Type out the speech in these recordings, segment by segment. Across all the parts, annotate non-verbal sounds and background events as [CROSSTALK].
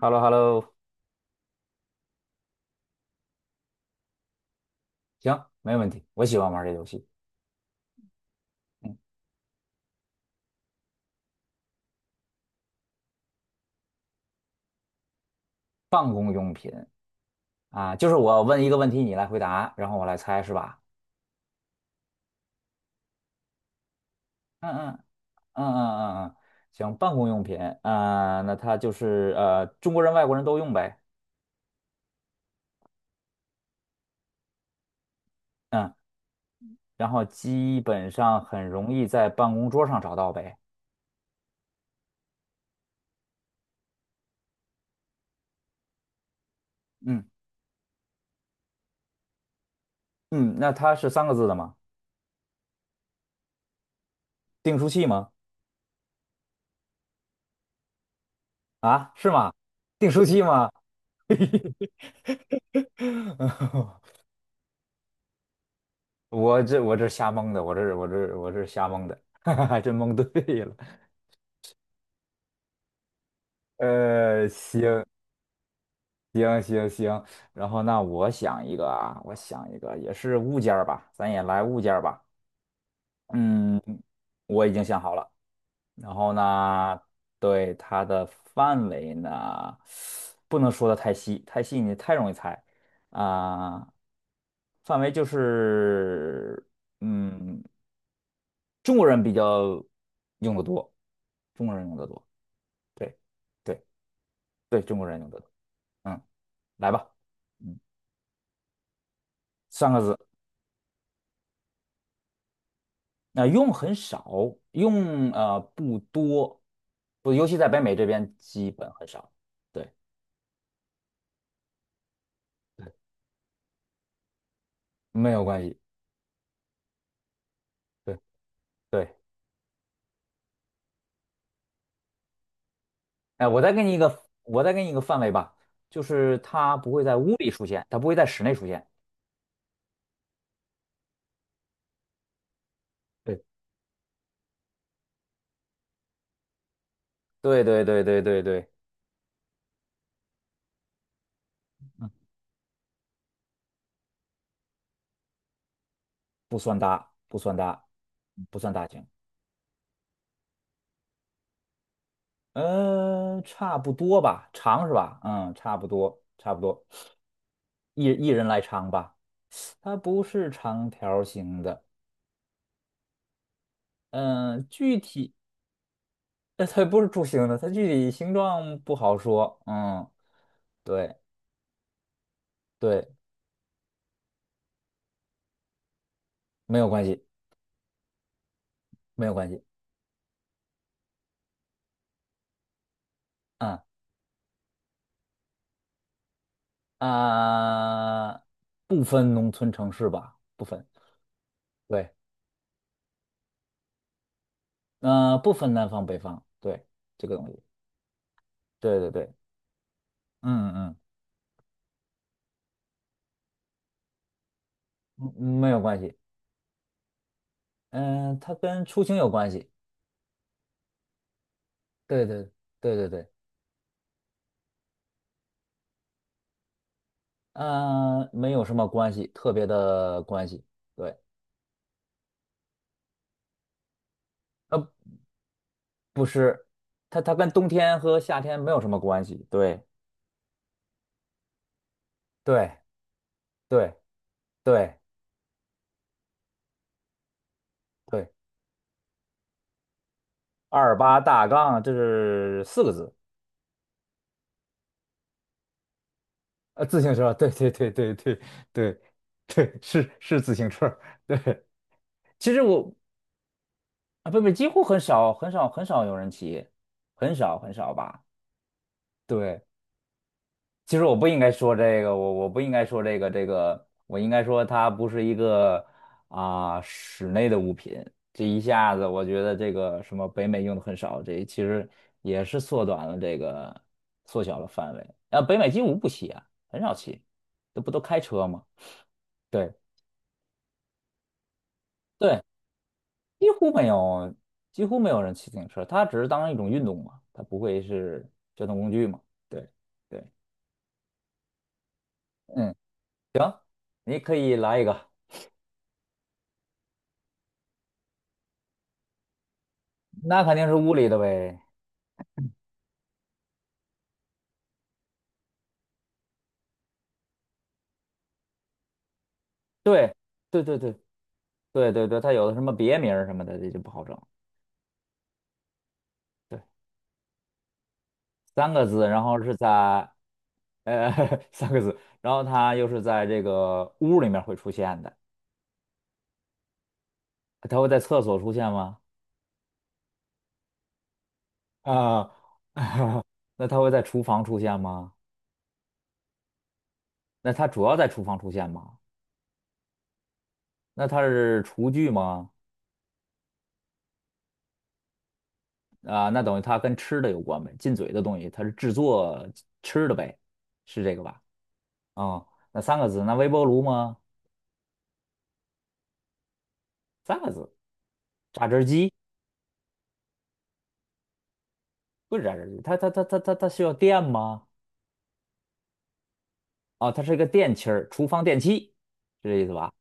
Hello hello 行，没问题，我喜欢玩这游戏啊。就是我问一个问题，你来回答，然后我来猜，是吧？嗯嗯嗯嗯嗯嗯，行，办公用品啊，那它就是中国人、外国人都用呗。嗯，然后基本上很容易在办公桌上找到呗。嗯嗯，那它是三个字的吗？订书器吗？啊，是吗？订书器吗？[LAUGHS] 我这瞎蒙的，我这瞎蒙的，[LAUGHS] 还真蒙对了。行，行行行，然后那我想一个啊，我想一个也是物件儿吧，咱也来物件儿吧。嗯，我已经想好了。然后呢，对它的范围呢，不能说的太细，太细你太容易猜啊。范围就是，嗯，中国人比较用的多，中国人用的多，对对对，中国人用的多。嗯，来吧，嗯，三个字。那、用很少，用不多，不，尤其在北美这边基本很少。对，没有关系。对对，哎、我再给你一个，我再给你一个范围吧，就是它不会在屋里出现，它不会在室内出现。对，对对对对对对，嗯，不算大，不算大，不算大型。嗯、差不多吧，长是吧？嗯，差不多，差不多，一人来长吧。它不是长条形的。嗯、具体。那它不是柱形的，它具体形状不好说。嗯，对对，没有关系，没有关系。嗯啊，不分农村城市吧，不分。对，不分南方北方。对，这个东西，对对对，嗯嗯，嗯嗯没有关系。嗯，它跟出行有关系。对对对对对，没有什么关系，特别的关系。对，呃，不是，它跟冬天和夏天没有什么关系。对对。对对对，二八大杠这是四个字，自行车，对对对对对对对，是是自行车，对。其实我啊，不不，几乎很少很少很少有人骑，很少很少吧。对，其实我不应该说这个，我不应该说这个，这个我应该说它不是一个啊、室内的物品。这一下子，我觉得这个什么北美用的很少，这其实也是缩短了这个缩小了范围。啊，北美几乎不骑啊，很少骑，这不都开车吗？对对，几乎没有，几乎没有人骑自行车，它只是当一种运动嘛，它不会是交通工具嘛。对对，嗯，行，你可以来一个。那肯定是屋里的呗。对，对对对对对对，它有的什么别名儿什么的，这就不好整。对，三个字，然后是在呃 [LAUGHS] 三个字，然后它又是在这个屋里面会出现的。它会在厕所出现吗？啊、[LAUGHS] 那它会在厨房出现吗？那它主要在厨房出现吗？那它是厨具吗？啊、那等于它跟吃的有关呗，进嘴的东西，它是制作吃的呗，是这个吧？哦，那三个字，那微波炉吗？三个字，榨汁机不是榨汁机，它需要电吗？啊、它是一个电器儿，厨房电器，是这意思吧？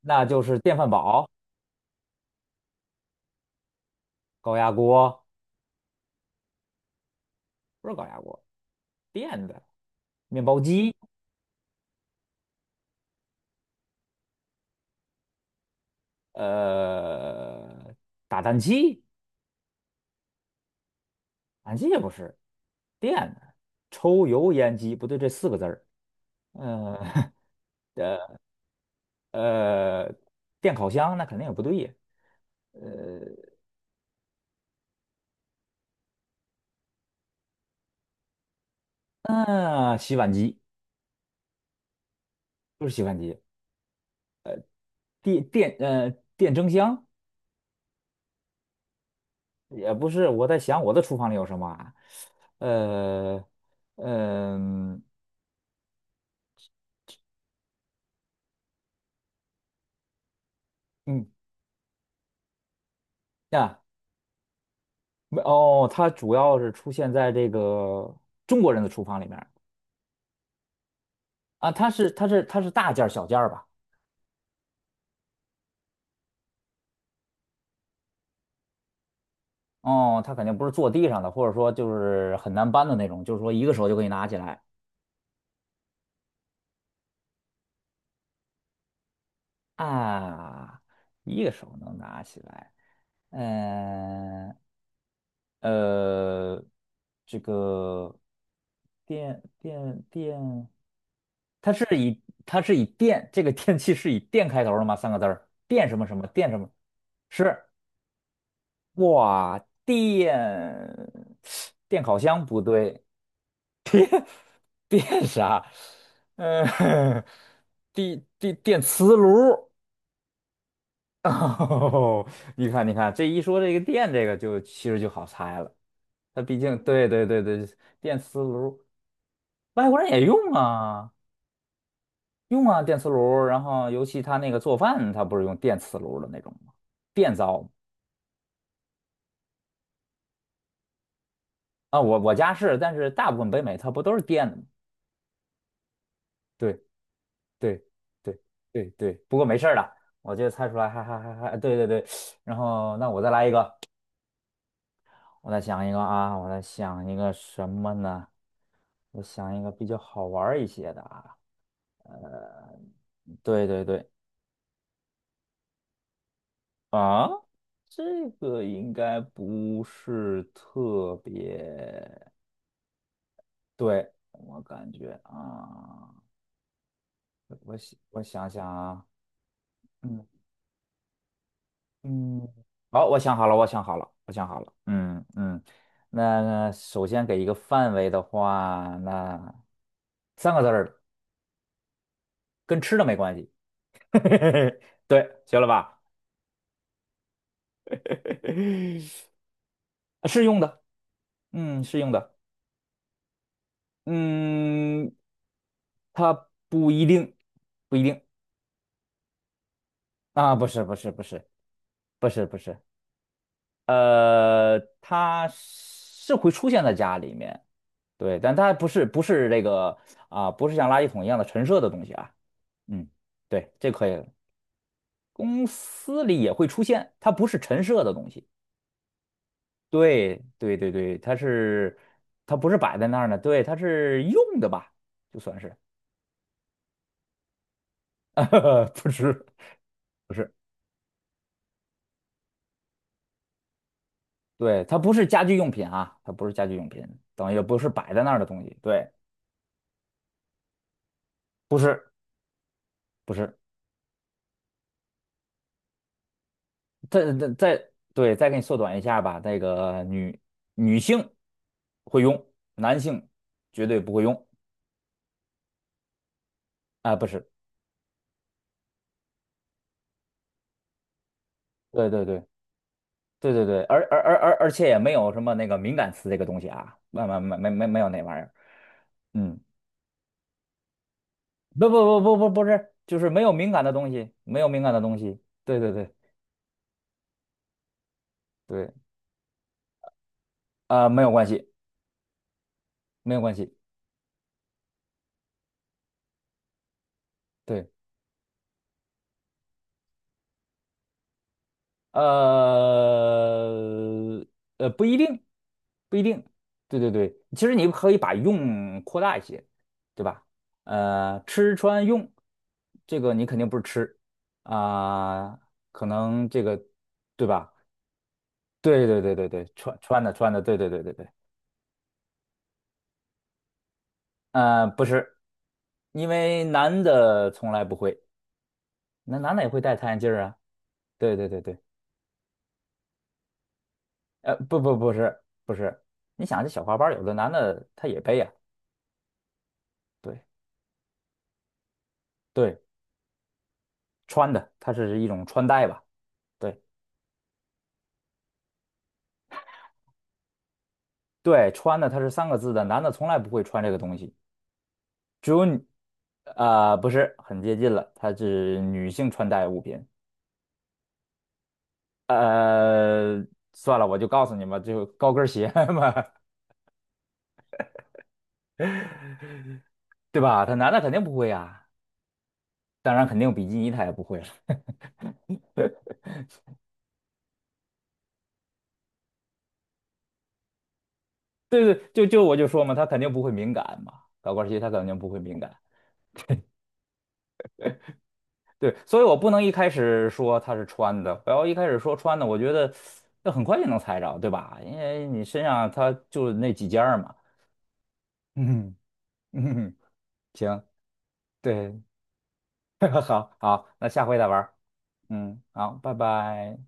那就是电饭煲、高压锅，不是高压锅，电的面包机，呃，打蛋器，打蛋器也不是，电的抽油烟机不对，这四个字儿，嗯呃，[LAUGHS] 呃电烤箱那肯定也不对呀，嗯、洗碗机就是洗碗机。电电呃电蒸箱也不是，我在想我的厨房里有什么啊？呃，嗯嗯啊，没哦，它主要是出现在这个中国人的厨房里面儿啊，它是大件儿小件儿吧？哦，它肯定不是坐地上的，或者说就是很难搬的那种，就是说一个手就可以拿起来。啊，一个手能拿起来，嗯，呃，这个电电电，它是以电这个电器是以电开头的吗？三个字儿，电什么什么电什么？是哇，电电烤箱不对，[LAUGHS] 电啥？嗯，[LAUGHS] 电磁炉。哦，[LAUGHS] 你看，你看，这一说这个电，这个就其实就好猜了。它毕竟，对对对对，电磁炉，外国人也用啊，用啊电磁炉。然后，尤其他那个做饭，他不是用电磁炉的那种吗？电灶啊，我家是，但是大部分北美它不都是电的吗？对对对对对，不过没事儿了，我就猜出来，还还还还，对对对。然后，那我再来一个，我再想一个啊，我再想一个什么呢？我想一个比较好玩儿一些的啊。对对对，啊，这个应该不是特别，对，我感觉啊，我想想啊，嗯嗯，好，我想好了，我想好了，我想好了，嗯嗯，那首先给一个范围的话，那三个字儿的，跟吃的没关系，[LAUGHS] 对，行了吧？[LAUGHS] 是用的，嗯，是用的。嗯，它不一定，不一定啊，不是，不是，不是，不是，不是，它是会出现在家里面，对，但它不是，不是这个啊，不是像垃圾桶一样的陈设的东西啊，嗯，对，这可以了公司里也会出现，它不是陈设的东西，对，对，对，对，它是，它不是摆在那儿呢，对，它是用的吧，就算是，[LAUGHS] 不是，不是。对，它不是家居用品啊，它不是家居用品，等于也不是摆在那儿的东西。对，不是，不是。再再再，对，再给你缩短一下吧。那个女性会用，男性绝对不会用啊，不是。对对对对对对，而且也没有什么那个敏感词这个东西啊，没有那玩意儿。嗯，不是，就是没有敏感的东西，没有敏感的东西。对对对对，啊、没有关系，没有关系。对。呃不一定，不一定。对对对，其实你可以把用扩大一些，对吧？吃穿用，这个你肯定不是吃啊、可能这个对吧？对对对对对，穿的，对对对对对，不是，因为男的从来不会，那男的也会戴太阳镜儿啊。对对对对，不不不是不是，你想这小花包，有的男的他也背呀、对。对，穿的，它是一种穿戴吧？对对，穿的它是三个字的，男的从来不会穿这个东西，只有你，不是很接近了，它是女性穿戴物品。呃，算了，我就告诉你吧，就高跟鞋 [LAUGHS] 嘛，对吧？他男的肯定不会呀，当然肯定比基尼他也不会了。[LAUGHS] 对对，我就说嘛，他肯定不会敏感嘛，高跟鞋他肯定不会敏感。对，所以我不能一开始说它是穿的，我要一开始说穿的，我觉得那很快就能猜着，对吧？因为你身上它就那几件儿嘛。嗯嗯，行，对，[LAUGHS] 好好，那下回再玩儿。嗯，好，拜拜。